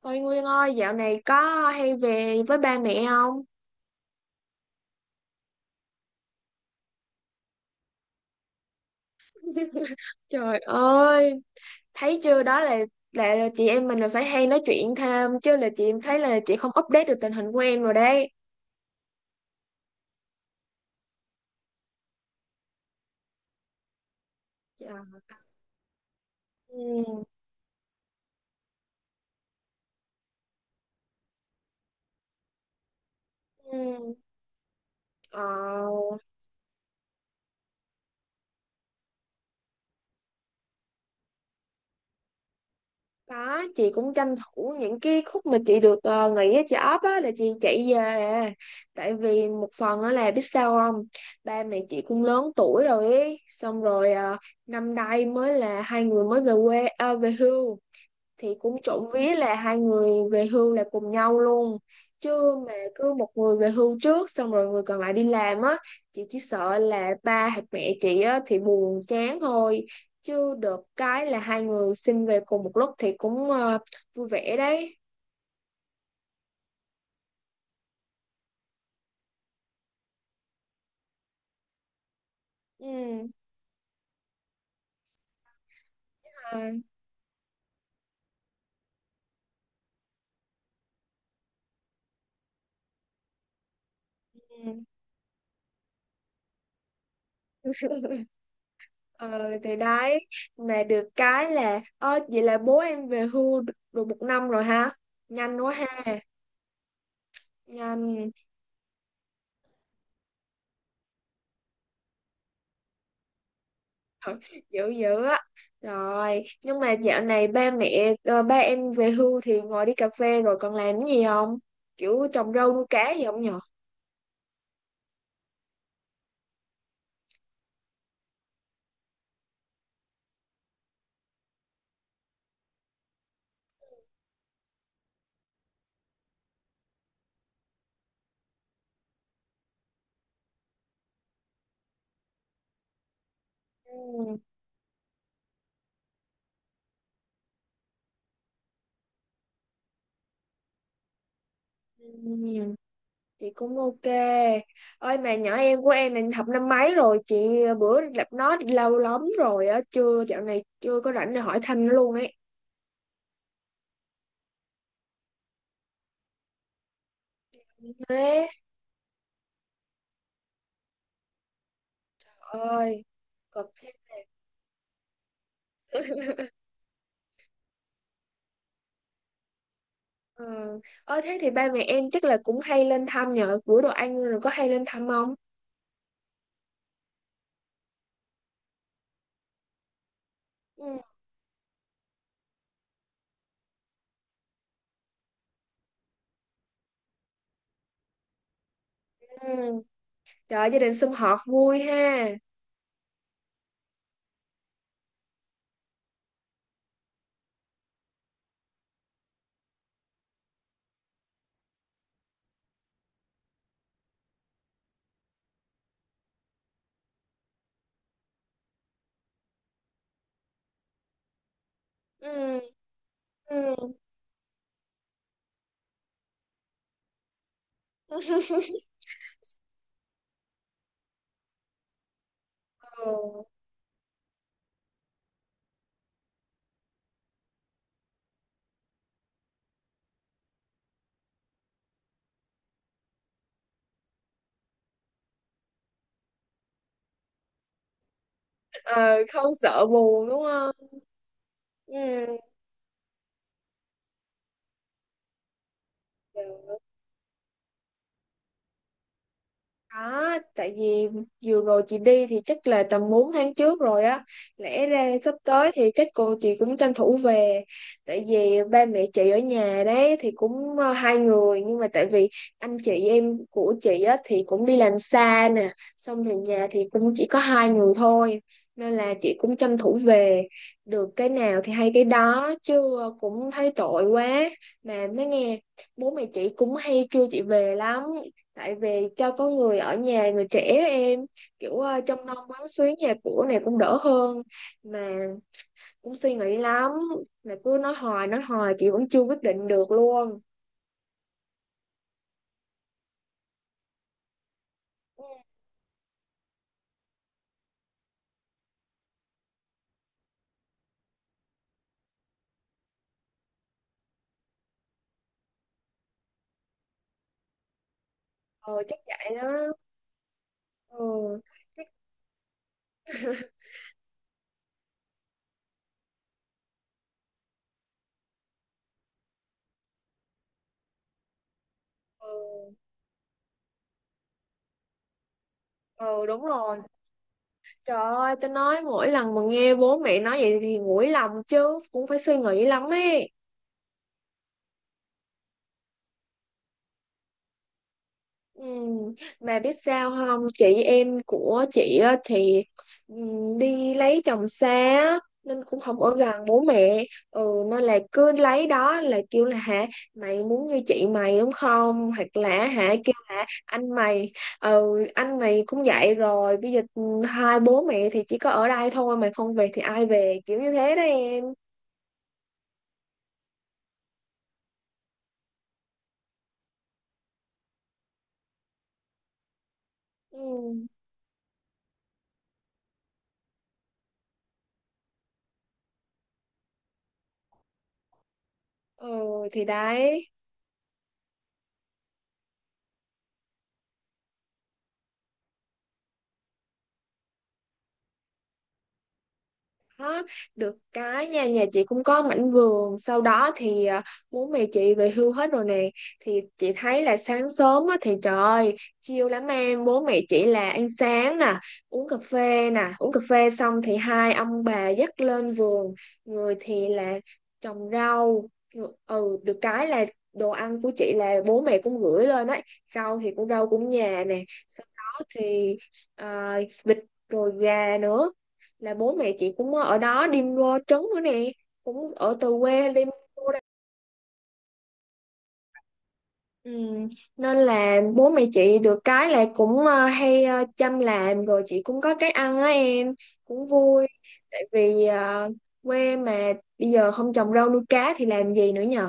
Ôi Nguyên ơi, dạo này có hay về với ba mẹ không? Trời ơi, thấy chưa, đó là là chị em mình là phải hay nói chuyện thêm chứ, là chị em thấy là chị không update được tình hình của em rồi đấy. Dạ. Ừ. Ừ. Ờ. Có, chị cũng tranh thủ những cái khúc mà chị được nghỉ ở chợ ấp á là chị chạy về à. Tại vì một phần á là biết sao không? Ba mẹ chị cũng lớn tuổi rồi ấy. Xong rồi năm nay mới là hai người mới về quê, về hưu, thì cũng trộm vía là hai người về hưu là cùng nhau luôn, chứ mà cứ một người về hưu trước xong rồi người còn lại đi làm á, chị chỉ sợ là ba hoặc mẹ chị á thì buồn chán thôi, chứ được cái là hai người xin về cùng một lúc thì cũng vui vẻ đấy. Ừ. À, ừ. Ờ, thì đấy, mà được cái là, ơ vậy là bố em về hưu được được một năm rồi ha, nhanh quá ha. Nhanh. Ờ, dữ dữ á. Rồi nhưng mà dạo này ba mẹ, ba em về hưu thì ngồi đi cà phê rồi còn làm cái gì không, kiểu trồng rau nuôi cá gì không nhở? Ừ. Ừ, chị cũng ok. Ơi, mà nhỏ em của em là học năm mấy rồi chị? Ờ, Bữa gặp nó lâu lắm rồi á, chưa, dạo này chưa có rảnh để hỏi thăm nó luôn ấy. Thế. Ơi, cực. Ờ. Ơ, thế thì ba mẹ em chắc là cũng hay lên thăm nhờ, bữa đồ ăn rồi có hay lên thăm không? Ừ. Trời, gia đình sum họp vui ha. Ừ. Ừ. Ờ. Ờ, không sợ buồn đúng không? Ừ. Đó, tại vì vừa rồi chị đi thì chắc là tầm 4 tháng trước rồi á. Lẽ ra sắp tới thì chắc cô chị cũng tranh thủ về. Tại vì ba mẹ chị ở nhà đấy thì cũng hai người. Nhưng mà tại vì anh chị em của chị á thì cũng đi làm xa nè. Xong rồi nhà thì cũng chỉ có hai người thôi. Nên là chị cũng tranh thủ về. Được cái nào thì hay cái đó. Chứ ờ, cũng thấy tội quá. Mà nói nghe, bố mẹ chị cũng hay kêu chị về lắm, tại vì cho có người ở nhà, người trẻ, em, kiểu trông nom quán xuyến nhà cửa này cũng đỡ hơn, mà cũng suy nghĩ lắm, mà cứ nói hoài chị vẫn chưa quyết định được luôn. Ừ. Ờ, chắc vậy đó. Ừ. Ừ. Ừ đúng rồi. Trời ơi, tao nói mỗi lần mà nghe bố mẹ nói vậy thì nguội lòng, chứ cũng phải suy nghĩ lắm ấy. Ừ, mà biết sao không, chị em của chị á thì ừ, đi lấy chồng xa á, nên cũng không ở gần bố mẹ. Ừ. Nên là cứ lấy đó là kêu là, hả, mày muốn như chị mày đúng không, hoặc là hả kêu là anh mày. Ừ. Anh mày cũng vậy rồi, bây giờ ừ, hai bố mẹ thì chỉ có ở đây thôi, mày không về thì ai về, kiểu như thế đó em. Ừ. Ừ, thì đấy. Đó, được cái nha, nhà chị cũng có mảnh vườn sau đó thì à, bố mẹ chị về hưu hết rồi nè, thì chị thấy là sáng sớm á, thì trời ơi chill lắm em, bố mẹ chị là ăn sáng nè, uống cà phê nè, uống cà phê xong thì hai ông bà dắt lên vườn, người thì là trồng rau. Ừ, được cái là đồ ăn của chị là bố mẹ cũng gửi lên ấy, rau thì cũng rau cũng nhà nè, sau đó thì à, vịt rồi gà nữa, là bố mẹ chị cũng ở đó đi mua trấn nữa nè, cũng ở từ quê đi. Ừ. Nên là bố mẹ chị được cái là cũng hay chăm làm, rồi chị cũng có cái ăn á em, cũng vui, tại vì quê mà, bây giờ không trồng rau nuôi cá thì làm gì nữa nhờ.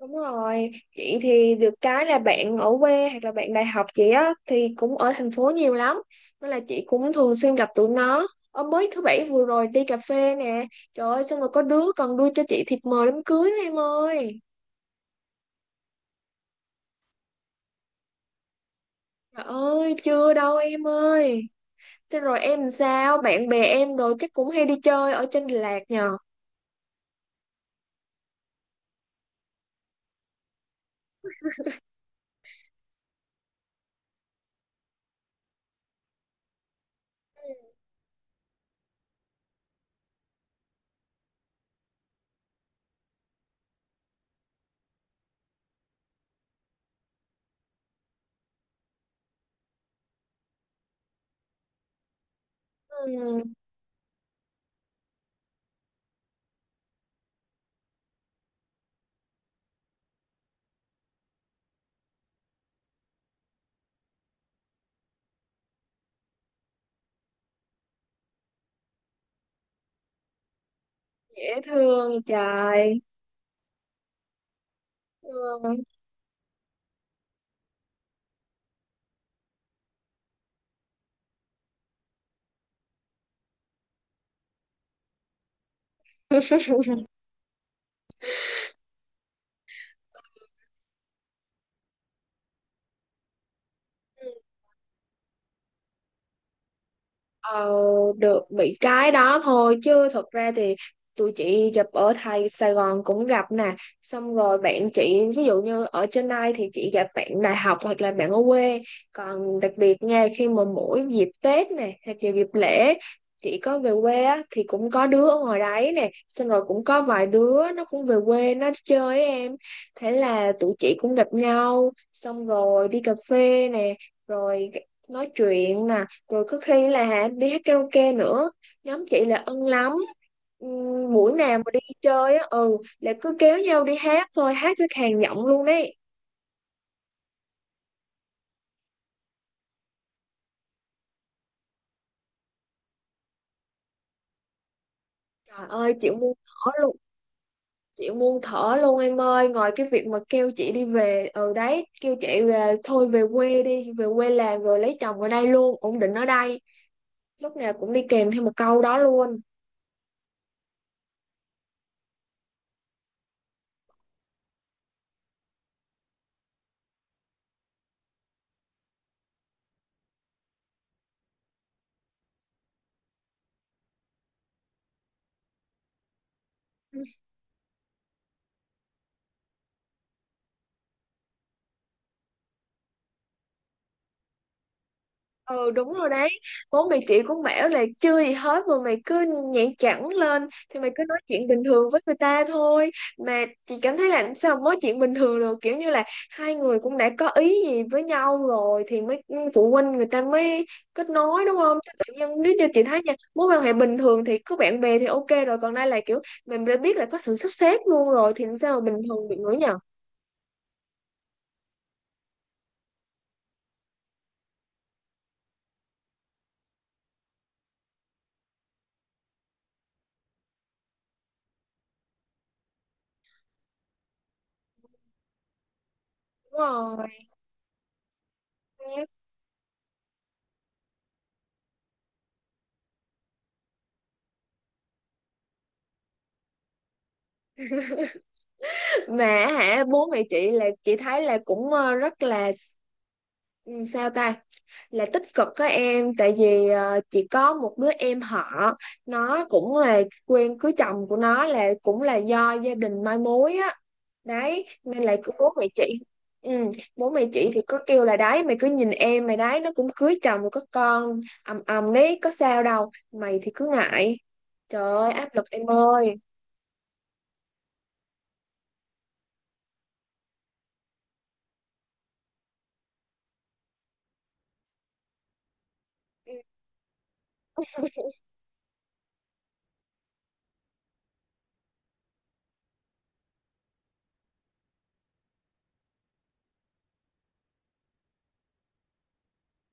Đúng rồi, chị thì được cái là bạn ở quê hoặc là bạn đại học chị á thì cũng ở thành phố nhiều lắm. Nên là chị cũng thường xuyên gặp tụi nó. Ở mới thứ bảy vừa rồi đi cà phê nè. Trời ơi, xong rồi có đứa còn đưa cho chị thiệp mời đám cưới đó em ơi. Trời ơi, chưa đâu em ơi. Thế rồi em làm sao? Bạn bè em rồi chắc cũng hay đi chơi ở trên Đà Lạt nhờ. Ừ, dễ thương vậy trời. Ừ. Ờ, được bị cái đó thôi, chứ thật ra thì tụi chị gặp ở thầy Sài Gòn cũng gặp nè, xong rồi bạn chị ví dụ như ở trên đây thì chị gặp bạn đại học hoặc là bạn ở quê, còn đặc biệt nha, khi mà mỗi dịp Tết nè hoặc là dịp lễ chị có về quê á, thì cũng có đứa ở ngoài đấy nè, xong rồi cũng có vài đứa nó cũng về quê nó chơi với em, thế là tụi chị cũng gặp nhau, xong rồi đi cà phê nè, rồi nói chuyện nè, rồi có khi là đi hát karaoke nữa, nhóm chị là ân lắm. Buổi nào mà đi chơi á ừ là cứ kéo nhau đi hát thôi, hát tới khàn giọng luôn đấy. Trời ơi, chị muốn thở luôn. Chị muốn thở luôn em ơi, ngoài cái việc mà kêu chị đi về, ừ đấy, kêu chị về thôi, về quê đi, về quê làm rồi lấy chồng ở đây luôn, ổn định ở đây, lúc nào cũng đi kèm theo một câu đó luôn. Ừ. Ừ đúng rồi đấy. Bố mày chị cũng bảo là chưa gì hết mà mày cứ nhảy cẳng lên, thì mày cứ nói chuyện bình thường với người ta thôi. Mà chị cảm thấy là sao mà nói chuyện bình thường được, kiểu như là hai người cũng đã có ý gì với nhau rồi thì mới ừ, phụ huynh người ta mới kết nối đúng không? Chứ tự nhiên, nếu như chị thấy nha, mối quan hệ bình thường thì có bạn bè thì ok rồi, còn đây là kiểu mình đã biết là có sự sắp xếp luôn rồi, thì làm sao mà bình thường được nữa nhờ. Đúng rồi, mà hả, bố mẹ chị là chị thấy là cũng ờ, rất là ừ, sao ta, là tích cực có em, tại vì ờ, chỉ có một đứa em họ nó cũng là quen cưới chồng của nó là cũng là do gia đình mai mối á, đấy nên là cứ bố mẹ chị, ừ, bố mẹ chị thì có kêu là đấy, mày cứ nhìn em mày đấy, nó cũng cưới chồng có con ầm ầm đấy, có sao đâu, mày thì cứ ngại. Trời ơi, áp lực em ơi. Ừ,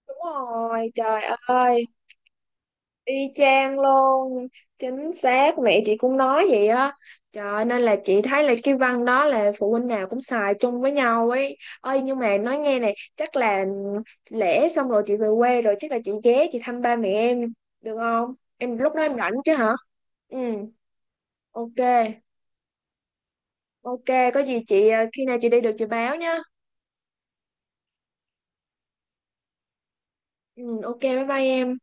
đúng rồi, trời ơi. Y chang luôn, chính xác, mẹ chị cũng nói vậy á. Trời ơi, nên là chị thấy là cái văn đó là phụ huynh nào cũng xài chung với nhau ấy. Ơi nhưng mà nói nghe này, chắc là lễ xong rồi chị về quê rồi, chắc là chị ghé chị thăm ba mẹ em, được không? Em lúc đó em rảnh chứ hả? Ừ, ok. Ok, có gì chị khi nào chị đi được chị báo nhá. Ừ, ok, bye bye em.